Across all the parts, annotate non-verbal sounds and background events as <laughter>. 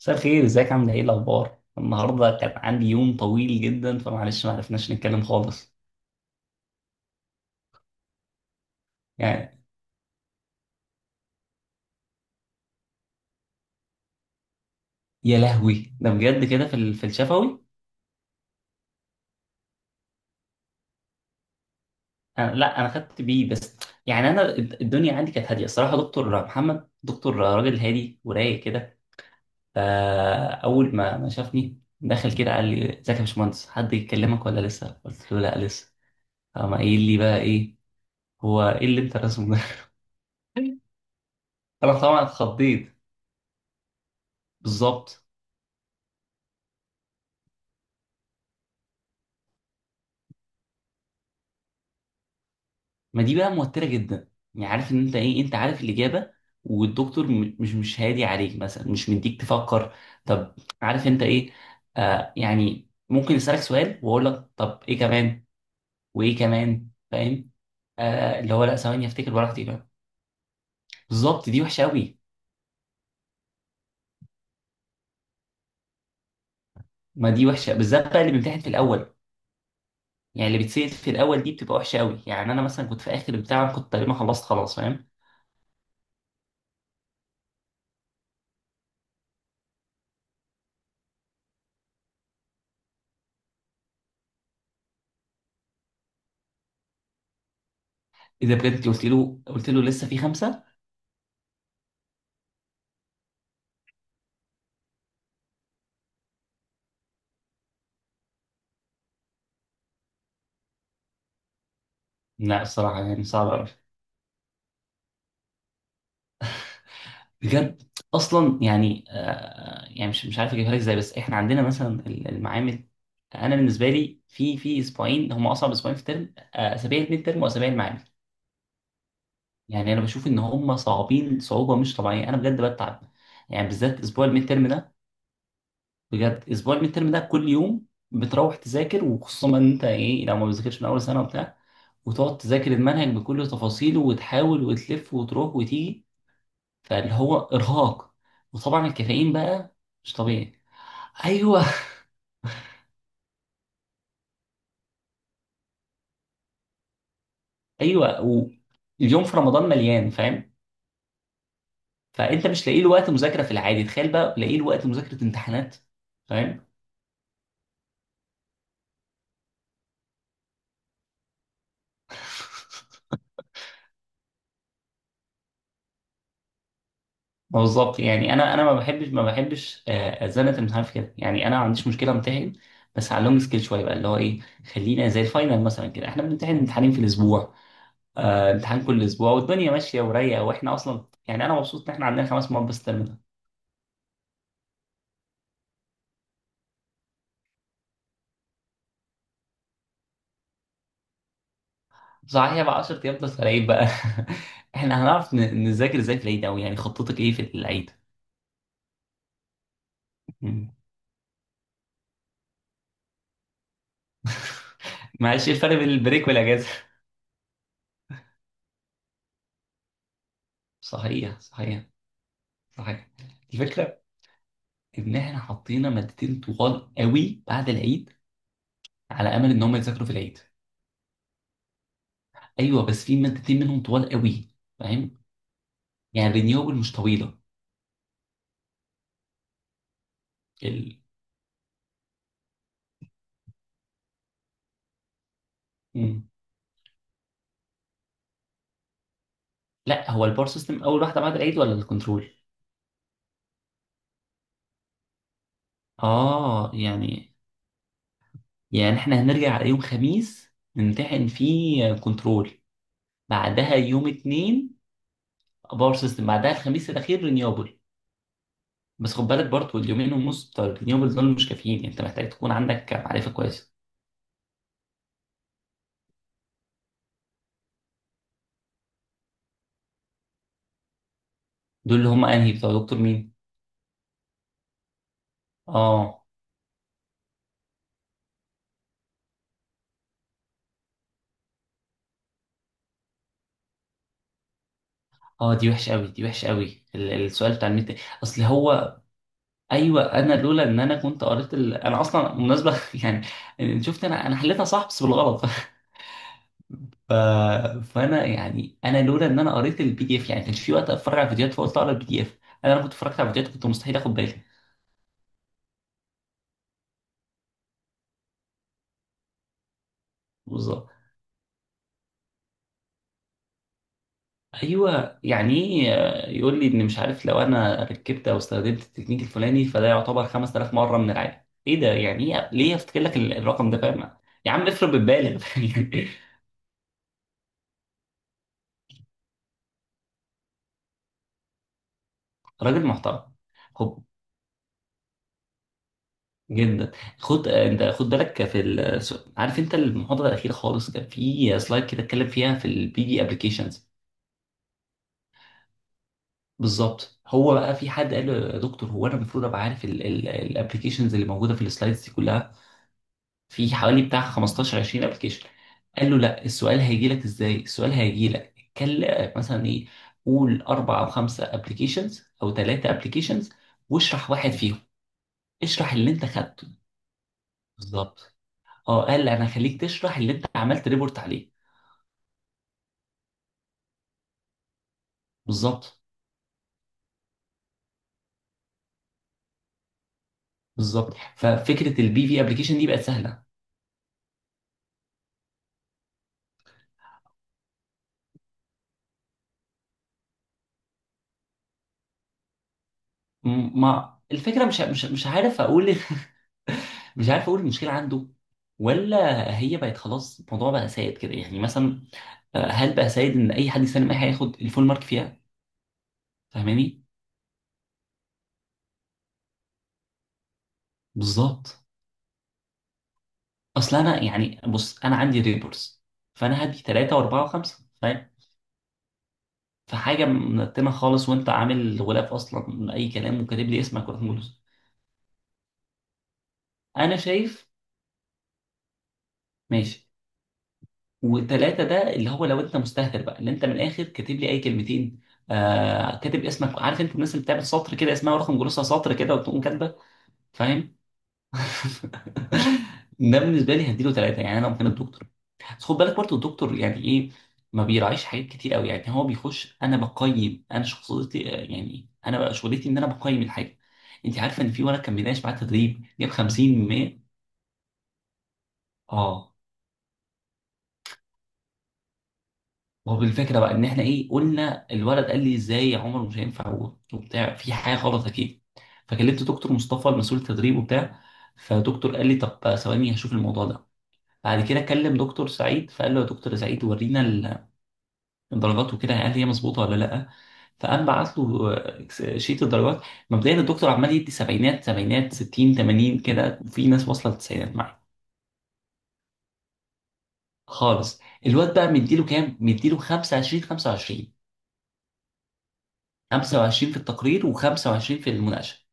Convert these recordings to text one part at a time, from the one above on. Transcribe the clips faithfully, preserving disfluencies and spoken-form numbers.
مساء الخير، ازيك؟ عامله ايه؟ الاخبار النهارده؟ كان عندي يوم طويل جدا فمعلش ما عرفناش نتكلم خالص. يعني يا لهوي ده بجد كده في ال- في الشفوي. أنا لا، انا خدت بيه بس. يعني انا الد- الدنيا عندي كانت هاديه الصراحه، دكتور محمد دكتور راجل هادي ورايق كده. فاول ما ما شافني دخل كده قال لي: ازيك يا باشمهندس، حد يكلمك ولا لسه؟ قلت له لا لسه. قام قايل لي بقى: ايه هو ايه اللي انت راسمه ده؟ <laughs> انا طبعا اتخضيت. بالظبط. ما دي بقى موترة جدا. يعني عارف ان انت ايه، انت عارف الإجابة والدكتور م- مش مش هادي عليك مثلا، مش مديك تفكر. طب، عارف انت ايه؟ آه يعني ممكن يسألك سؤال واقول لك طب ايه كمان؟ وايه كمان؟ فاهم. آه اللي هو لا ثواني افتكر براحتي كمان. بالظبط، دي وحشة قوي. ما دي وحشة بالذات بقى اللي بيمتحن في الأول. يعني اللي بتسأل في الأول دي بتبقى وحشة قوي. يعني أنا مثلا كنت في آخر بتاع، كنت تقريبا خلصت خلاص، فاهم. إذا بجد قلت له، قلت له لسه في خمسة. لا الصراحة يعني صعب قوي، بجد. اصلا يعني آه يعني مش مش عارف اجيبها لك ازاي، بس احنا عندنا مثلا المعامل. انا بالنسبه لي في في اسبوعين هم اصعب اسبوعين في الترم، آه، اسابيع الميد ترم واسابيع المعامل. يعني انا بشوف ان هم صعبين صعوبه مش طبيعيه، انا بجد بتعب. يعني بالذات اسبوع الميد ترم ده، بجد اسبوع الميد ترم ده كل يوم بتروح تذاكر، وخصوصا ان انت ايه لو ما بتذاكرش من اول سنه وبتاع، وتقعد تذاكر المنهج بكل تفاصيله وتحاول وتلف وتروح وتيجي، فاللي هو ارهاق. وطبعا الكافيين بقى مش طبيعي. ايوه. ايوه واليوم في رمضان مليان، فاهم. فانت مش لاقي له وقت مذاكره في العادي، تخيل بقى لاقي له وقت مذاكره امتحانات. فاهم. ما بالظبط. يعني انا انا ما بحبش ما بحبش آه، ازنه الامتحان في كده. يعني انا ما عنديش مشكله امتحن، بس على اللونج سكيل شويه بقى اللي هو ايه، خلينا زي الفاينل مثلا كده، احنا بنمتحن امتحانين في الاسبوع. آه امتحان كل اسبوع والدنيا ماشيه ورايقه، واحنا اصلا يعني انا مبسوط ان احنا عندنا خمس مواد بس terminal. صحيح بقى 10 ايام بس في العيد بقى. <laughs> احنا هنعرف ن- نذاكر ازاي في العيد اوي؟ يعني خطتك ايه في العيد؟ مم. معلش ايه الفرق بين البريك والاجازه؟ <laughs> صحيح صحيح صحيح. الفكره ان احنا حطينا مادتين طوال قوي بعد العيد على امل ان هم يذاكروا في العيد. ايوه بس في مادتين منهم طوال قوي، فاهم. يعني الرينيوبل مش طويله. ال... مم. لا هو البار سيستم اول واحده بعد العيد ولا الكنترول؟ اه يعني، يعني احنا هنرجع على يوم خميس نمتحن فيه كنترول، بعدها يوم اتنين باور سيستم، بعدها الخميس الاخير رينيوبل. بس خد بالك برضه اليومين ونص بتوع الرينيوبل دول مش كافيين، يعني انت محتاج تكون عندك معرفه كويسه. دول اللي هم انهي بتوع دكتور مين؟ اه. اه دي وحشه قوي، دي وحشه قوي ال- السؤال بتاع الميد ترم. اصل هو ايوه، انا لولا ان انا كنت قريت ال... انا اصلا مناسبه <laughs> يعني إن شفت انا، انا حليتها صح بس بالغلط. <laughs> ف... فانا يعني انا لولا ان انا قريت البي دي اف، يعني كانش في وقت اتفرج على فيديوهات فقلت اقرا البي دي اف. انا لو كنت اتفرجت على فيديوهات كنت مستحيل اخد بالي. بالظبط. ايوه يعني ايه، آه، يقول لي ان مش عارف لو انا ركبت او استخدمت التكنيك الفلاني فده يعتبر خمس تلاف مره من العادي. ايه ده يعني ايه ليه افتكر لك ال- الرقم ده، فاهم. يا عم افرض بتبالغ <laughs> يعني. راجل محترم. خب. جدا. خد، آه، انت خد بالك في ال... عارف انت المحاضره الاخيره خالص كان في سلايد كده اتكلم فيها في البي دي ابلكيشنز. بالظبط، هو بقى في حد قال له: يا دكتور هو انا المفروض ابقى عارف الابلكيشنز اللي موجوده في السلايدز دي كلها؟ في حوالي بتاع خمستاشر عشرين ابلكيشن. قال له: لا السؤال هيجي لك ازاي، السؤال هيجي لك اتكلم مثلا ايه، قول اربع او خمسه ابلكيشنز او ثلاثه ابلكيشنز واشرح واحد فيهم، اشرح اللي انت خدته. بالظبط. اه قال انا هخليك تشرح اللي انت عملت ريبورت عليه. بالظبط. بالظبط ففكره البي في ابلكيشن دي بقت سهله. م- ما الفكره مش مش مش عارف اقول. <laughs> مش عارف اقول المشكله عنده، ولا هي بقت خلاص الموضوع بقى سائد كده. يعني مثلا، آه، هل بقى سيد ان اي حد يسلم اي حاجه ياخد الفول مارك فيها؟ فاهماني. بالظبط. اصل انا يعني بص انا عندي ريبورتس، فانا هدي ثلاثه واربعه وخمسه، فاهم. فحاجه منتنه خالص وانت عامل غلاف اصلا اي كلام وكاتب لي اسمك ورقم جلوس. انا شايف ماشي. وثلاثه ده اللي هو لو انت مستهتر بقى اللي انت من الاخر كاتب لي اي كلمتين، آه كاتب اسمك، عارف انت الناس اللي بتعمل سطر كده اسمها ورقم جلوسها سطر كده وتقوم كاتبه، فاهم. ده بالنسبه لي هديله ثلاثه. يعني انا ممكن الدكتور، بس خد بالك برضه الدكتور يعني ايه ما بيراعيش حاجات كتير قوي، يعني هو بيخش انا بقيم انا شخصيتي، يعني انا بقى شغلتي ان انا بقيم الحاجه. انت عارفه ان في ولد كان بيناقش معاه تدريب جاب خمسين من ميه؟ اه. ما هو بالفكره بقى ان احنا ايه قلنا، الولد قال لي ازاي يا عمر مش هينفع، و- وبتاع في حاجه غلط اكيد، فكلمت دكتور مصطفى المسؤول التدريب وبتاع، فدكتور قال لي طب ثواني هشوف الموضوع ده، بعد كده كلم دكتور سعيد فقال له: يا دكتور سعيد ورينا ال- الدرجات وكده، هل هي مظبوطه ولا لا؟ فقام بعت له آه، شيت الدرجات. مبدئيا الدكتور عمال يدي سبعينات سبعينات ستين تمانين كده، وفي ناس واصله للتسعينات معاه. خالص. الواد بقى مديله كام؟ مديله خمسة وعشرين خمسة وعشرين. خمسة وعشرين في التقرير و25 في المناقشه.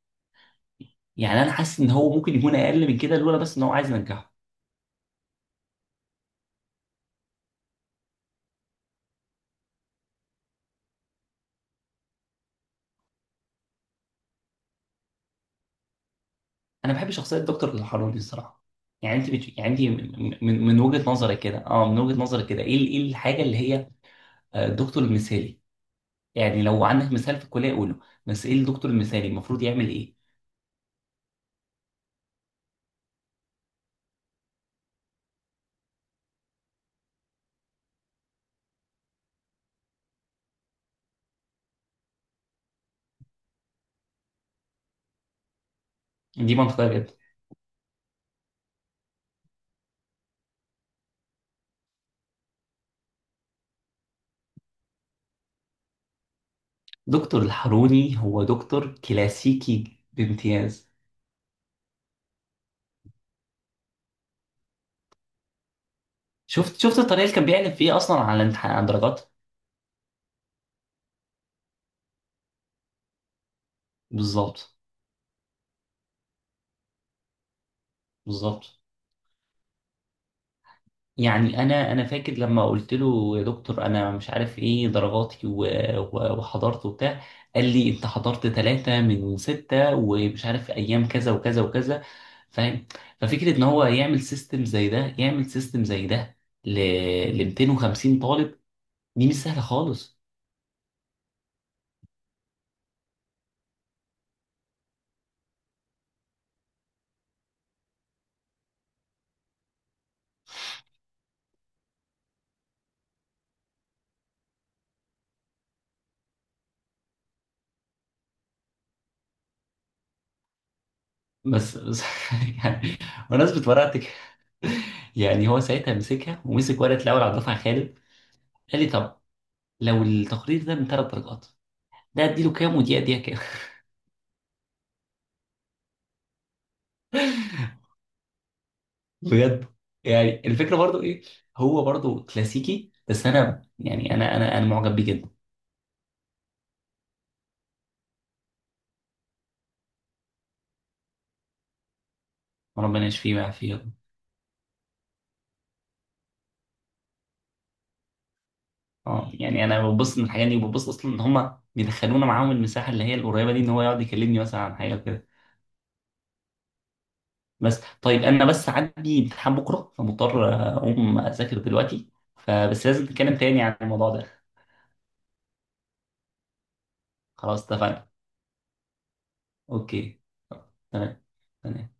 يعني انا حاسس ان هو ممكن يكون اقل من كده لولا بس ان هو عايز ينجحه. انا بحب شخصيه دكتور الحروري الصراحه. يعني انت بت... يعني انت من من من وجهه نظرك كده، اه من وجهه نظرك كده ايه ال- ايه الحاجه اللي هي آه، الدكتور المثالي؟ يعني لو عندك مثال في الكليه قوله، بس ايه الدكتور المثالي المفروض يعمل ايه؟ دي منطقيه جدا. دكتور الحروري هو دكتور كلاسيكي بامتياز. شفت شفت الطريقه اللي كان بيعلن فيها اصلا على الامتحان على الدرجات؟ بالظبط. بالظبط. يعني انا انا فاكر لما قلت له: يا دكتور انا مش عارف ايه درجاتي و- و- وحضرت وبتاع. قال لي: انت حضرت ثلاثة من ستة ومش عارف ايام كذا وكذا وكذا. فاهم. ففكرة ان هو يعمل سيستم زي ده، يعمل سيستم زي ده ل ل ميتين وخمسين طالب، دي مش سهلة خالص. بس, بس. <laughs> يعني بمناسبة ورقتك كده، يعني هو ساعتها مسكها ومسك ورقة الاول على الدفعة خالد، قال لي: طب لو التقرير ده من ثلاث درجات، ده اديله كام ودي اديها كام؟ بجد. يعني الفكره برضو ايه، هو برضو كلاسيكي بس انا يعني انا انا انا معجب بيه جدا. ربنا يشفيه ويعافيه يا رب. اه يعني انا ببص من الحاجات دي، وببص اصلا ان هم بيدخلونا معاهم المساحه اللي هي القريبه دي، ان هو يقعد يكلمني مثلا عن حاجه كده. بس طيب انا بس عندي امتحان بكره، فمضطر اقوم اذاكر دلوقتي، فبس لازم نتكلم تاني عن الموضوع ده. خلاص اتفقنا. اوكي. تمام. تمام.